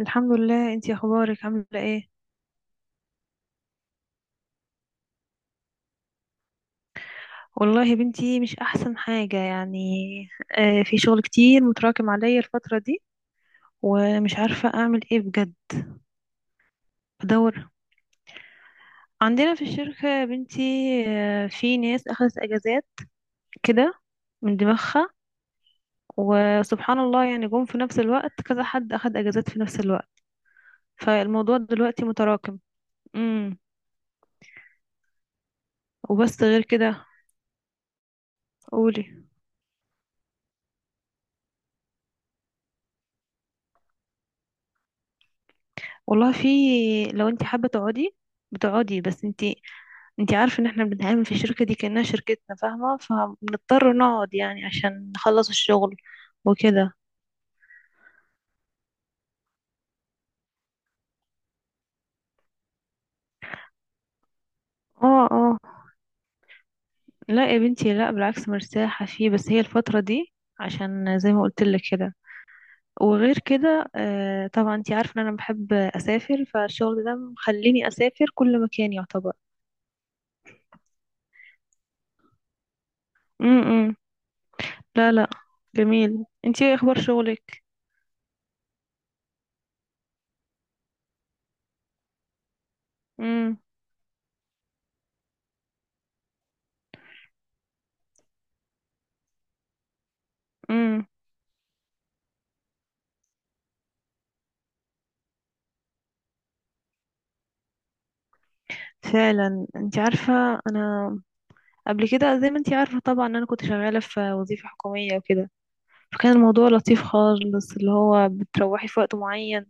الحمد لله، انتي اخبارك عامله ايه؟ والله يا بنتي، مش احسن حاجه يعني. في شغل كتير متراكم عليا الفتره دي، ومش عارفه اعمل ايه بجد. بدور، عندنا في الشركه يا بنتي. في ناس اخذت اجازات كده من دماغها، وسبحان الله يعني جم في نفس الوقت كذا حد اخذ اجازات في نفس الوقت. فالموضوع دلوقتي متراكم. امم. وبس غير كده. قولي. والله في، لو انت حابه تقعدي بتقعدي، بس انت. انتي عارفة ان احنا بنتعامل في الشركة دي كأنها شركتنا، فاهمة؟ فبنضطر نقعد يعني عشان نخلص الشغل وكده. اه، اه. لا يا بنتي، لا بالعكس، مرتاحة فيه، بس هي الفترة دي عشان زي ما قلت لك كده. وغير كده طبعا انتي عارفة ان انا بحب اسافر، فالشغل ده مخليني اسافر كل مكان يعتبر. امم. لا، لا. جميل. انتي ايه اخبار شغلك؟ امم، امم. فعلا، انتي عارفة انا قبل كده زي ما انتي عارفة طبعا ان انا كنت شغالة في وظيفة حكومية وكده. فكان الموضوع لطيف خالص، اللي هو بتروحي في وقت معين،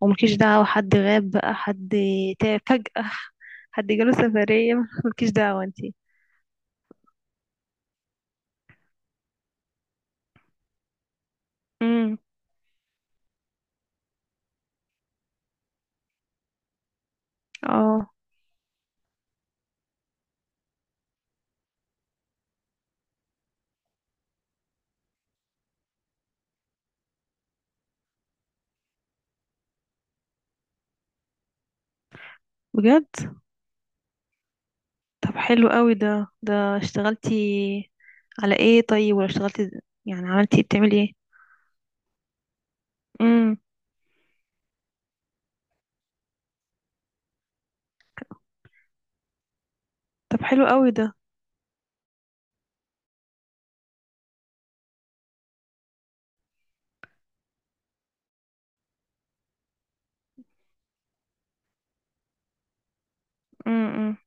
وملكيش دعوة حد غاب بقى، حد تعب فجأة، حد جاله سفرية ملكيش دعوة انتي. امم. اه. بجد؟ طب حلو قوي ده اشتغلتي على ايه طيب، ولا اشتغلتي يعني، عملتي ايه؟ بتعملي ايه؟ امم. طب حلو قوي ده. امم.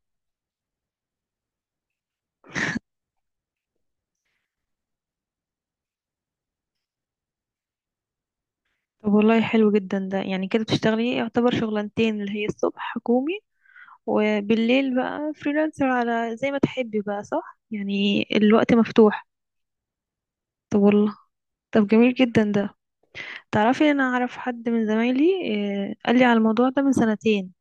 طب والله حلو جدا ده، يعني كده بتشتغلي إيه؟ يعتبر شغلانتين، اللي هي الصبح حكومي وبالليل بقى فريلانسر، على زي ما تحبي بقى، صح، يعني الوقت مفتوح. طب والله. طب جميل جدا ده. تعرفي، انا اعرف حد من زمايلي، قال لي على الموضوع ده من سنتين.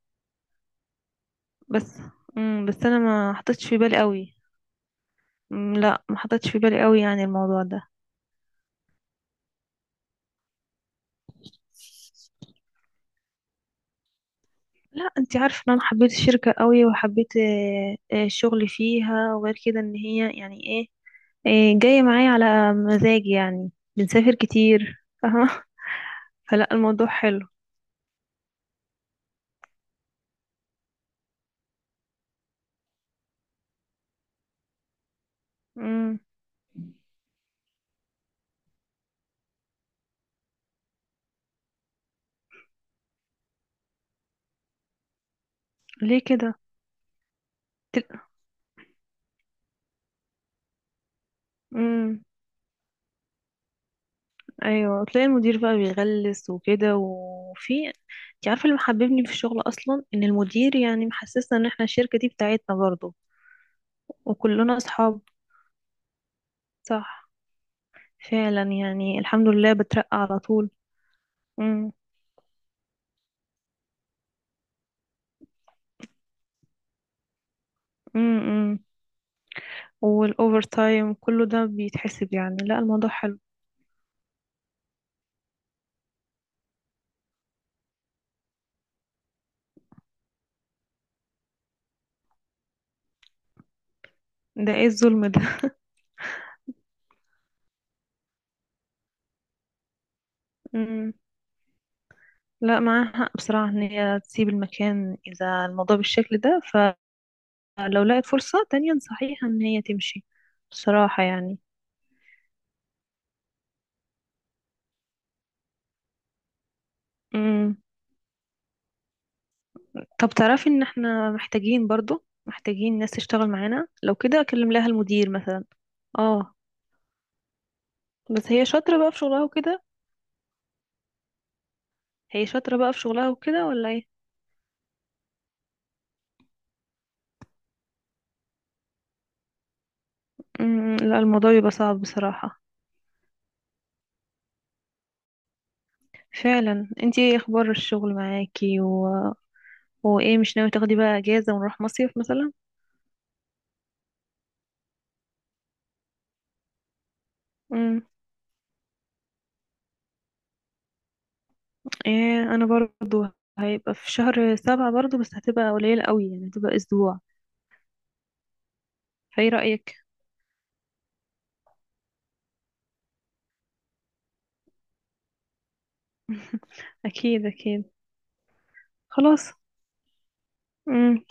بس. بس انا ما حطيتش في بالي قوي. لا ما حطيتش في بالي قوي يعني الموضوع ده. لا، انت عارفه ان انا حبيت الشركه قوي، وحبيت الشغل فيها، وغير كده ان هي يعني ايه، جايه معايا على مزاجي يعني. بنسافر كتير، فاهمه؟ فلا، الموضوع حلو. امم. ليه كده؟ تل... امم. ايوه، تلاقي المدير بقى بيغلس وكده، وفي انت عارفه اللي محببني في الشغل اصلا ان المدير يعني محسسنا ان احنا الشركه دي بتاعتنا برضه، وكلنا اصحاب. صح. فعلا يعني، الحمد لله بترقى على طول. امم، امم. والاوفر تايم كله ده بيتحسب يعني، لا الموضوع حلو. ده ايه الظلم ده؟ امم. لا، معاها حق بصراحه ان هي تسيب المكان اذا الموضوع بالشكل ده. لو لقت فرصة تانية نصحيها ان هي تمشي. بصراحة يعني. امم. طب تعرفي ان احنا محتاجين، برضو محتاجين ناس تشتغل معانا، لو كده اكلم لها المدير مثلا. اه. بس هي شاطرة بقى في شغلها وكده. هي شاطرة بقى في شغلها وكده، ولا ايه؟ امم. لا، الموضوع بيبقى صعب بصراحة. فعلا. انتي ايه اخبار الشغل معاكي وايه، مش ناوي تاخدي بقى اجازة ونروح مصيف مثلا؟ امم. ايه، انا برضو هيبقى في شهر سبعة برضو، بس هتبقى قليلة قوي يعني، هتبقى اسبوع. فايه رأيك؟ اكيد، اكيد. خلاص. امم.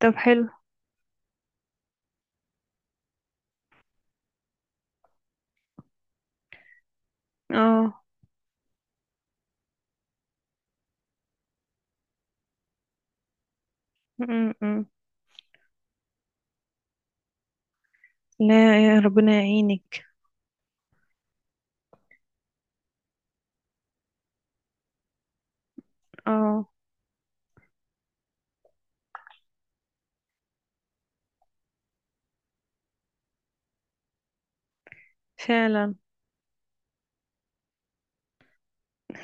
طب حلو. اه. امم. أمم. لا، يا ربنا يعينك. اه. فعلا،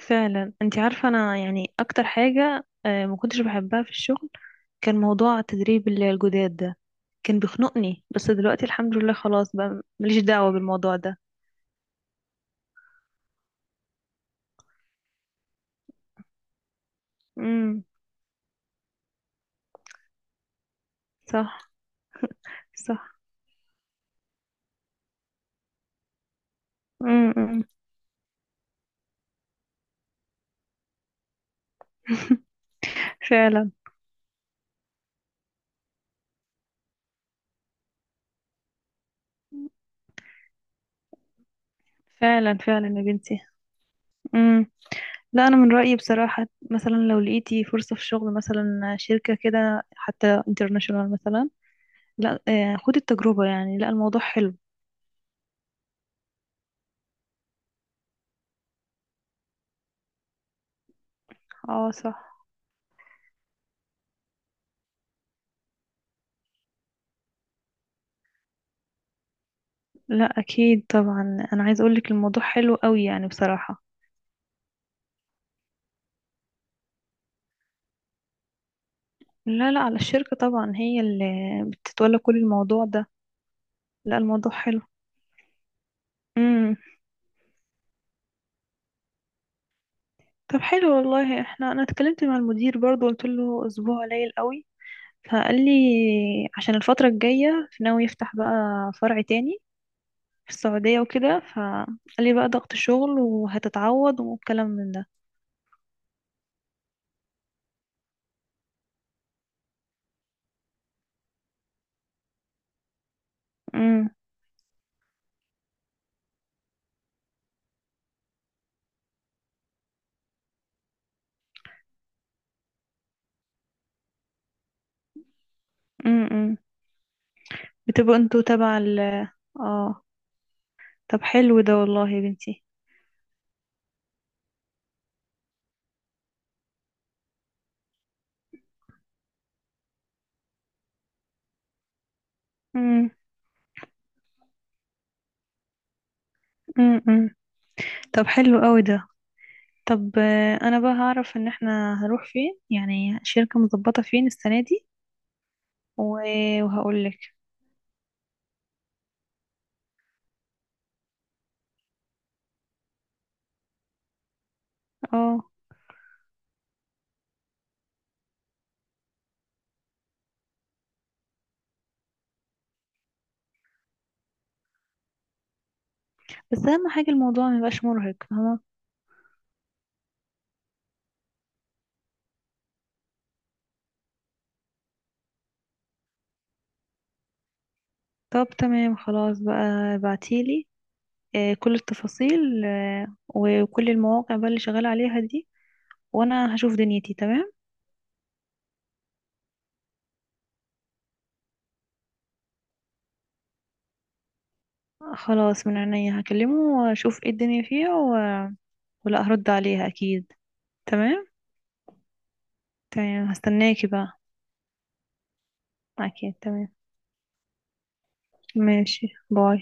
فعلا، انت عارفه انا يعني اكتر حاجه ما كنتش بحبها في الشغل، كان موضوع تدريب الجداد ده. كان بيخنقني، بس دلوقتي الحمد لله خلاص بقى ماليش دعوه بالموضوع ده. امم. صح، صح. امم. أمم. فعلا، فعلا، فعلا، يا بنتي. لا، انا من رايي بصراحه، مثلا لو لقيتي فرصه في شغل مثلا، شركه كده حتى انترناشونال مثلا، لا خدي التجربه يعني، لا الموضوع حلو. اه، صح. لا اكيد طبعا، انا عايز اقولك الموضوع حلو قوي يعني بصراحه. لا، لا، على الشركه طبعا، هي اللي بتتولى كل الموضوع ده. لا، الموضوع حلو. امم. طب حلو والله، احنا انا اتكلمت مع المدير برضو، قلت له اسبوع قليل قوي. فقال لي عشان الفتره الجايه ناوي يفتح بقى فرع تاني في السعودية وكده، فقال لي بقى ضغط شغل وهتتعوض، والكلام من ده. امم. امم. بتبقوا انتوا تبع ال. اه. طب حلو ده والله يا بنتي. امم. امم. طب حلو قوي ده. طب انا بقى هعرف ان احنا هنروح فين يعني، شركة مظبطة فين السنة دي، وهقول لك. اه. بس اهم حاجة الموضوع ما يبقاش مرهق، فاهمة؟ طب تمام، خلاص بقى. ابعتيلي كل التفاصيل وكل المواقع بقى اللي شغالة عليها دي، وانا هشوف دنيتي تمام. خلاص، من عينيا هكلمه واشوف ايه الدنيا فيها ولا هرد عليها اكيد. تمام. تمام، هستناكي بقى. اكيد، تمام. ماشي، باي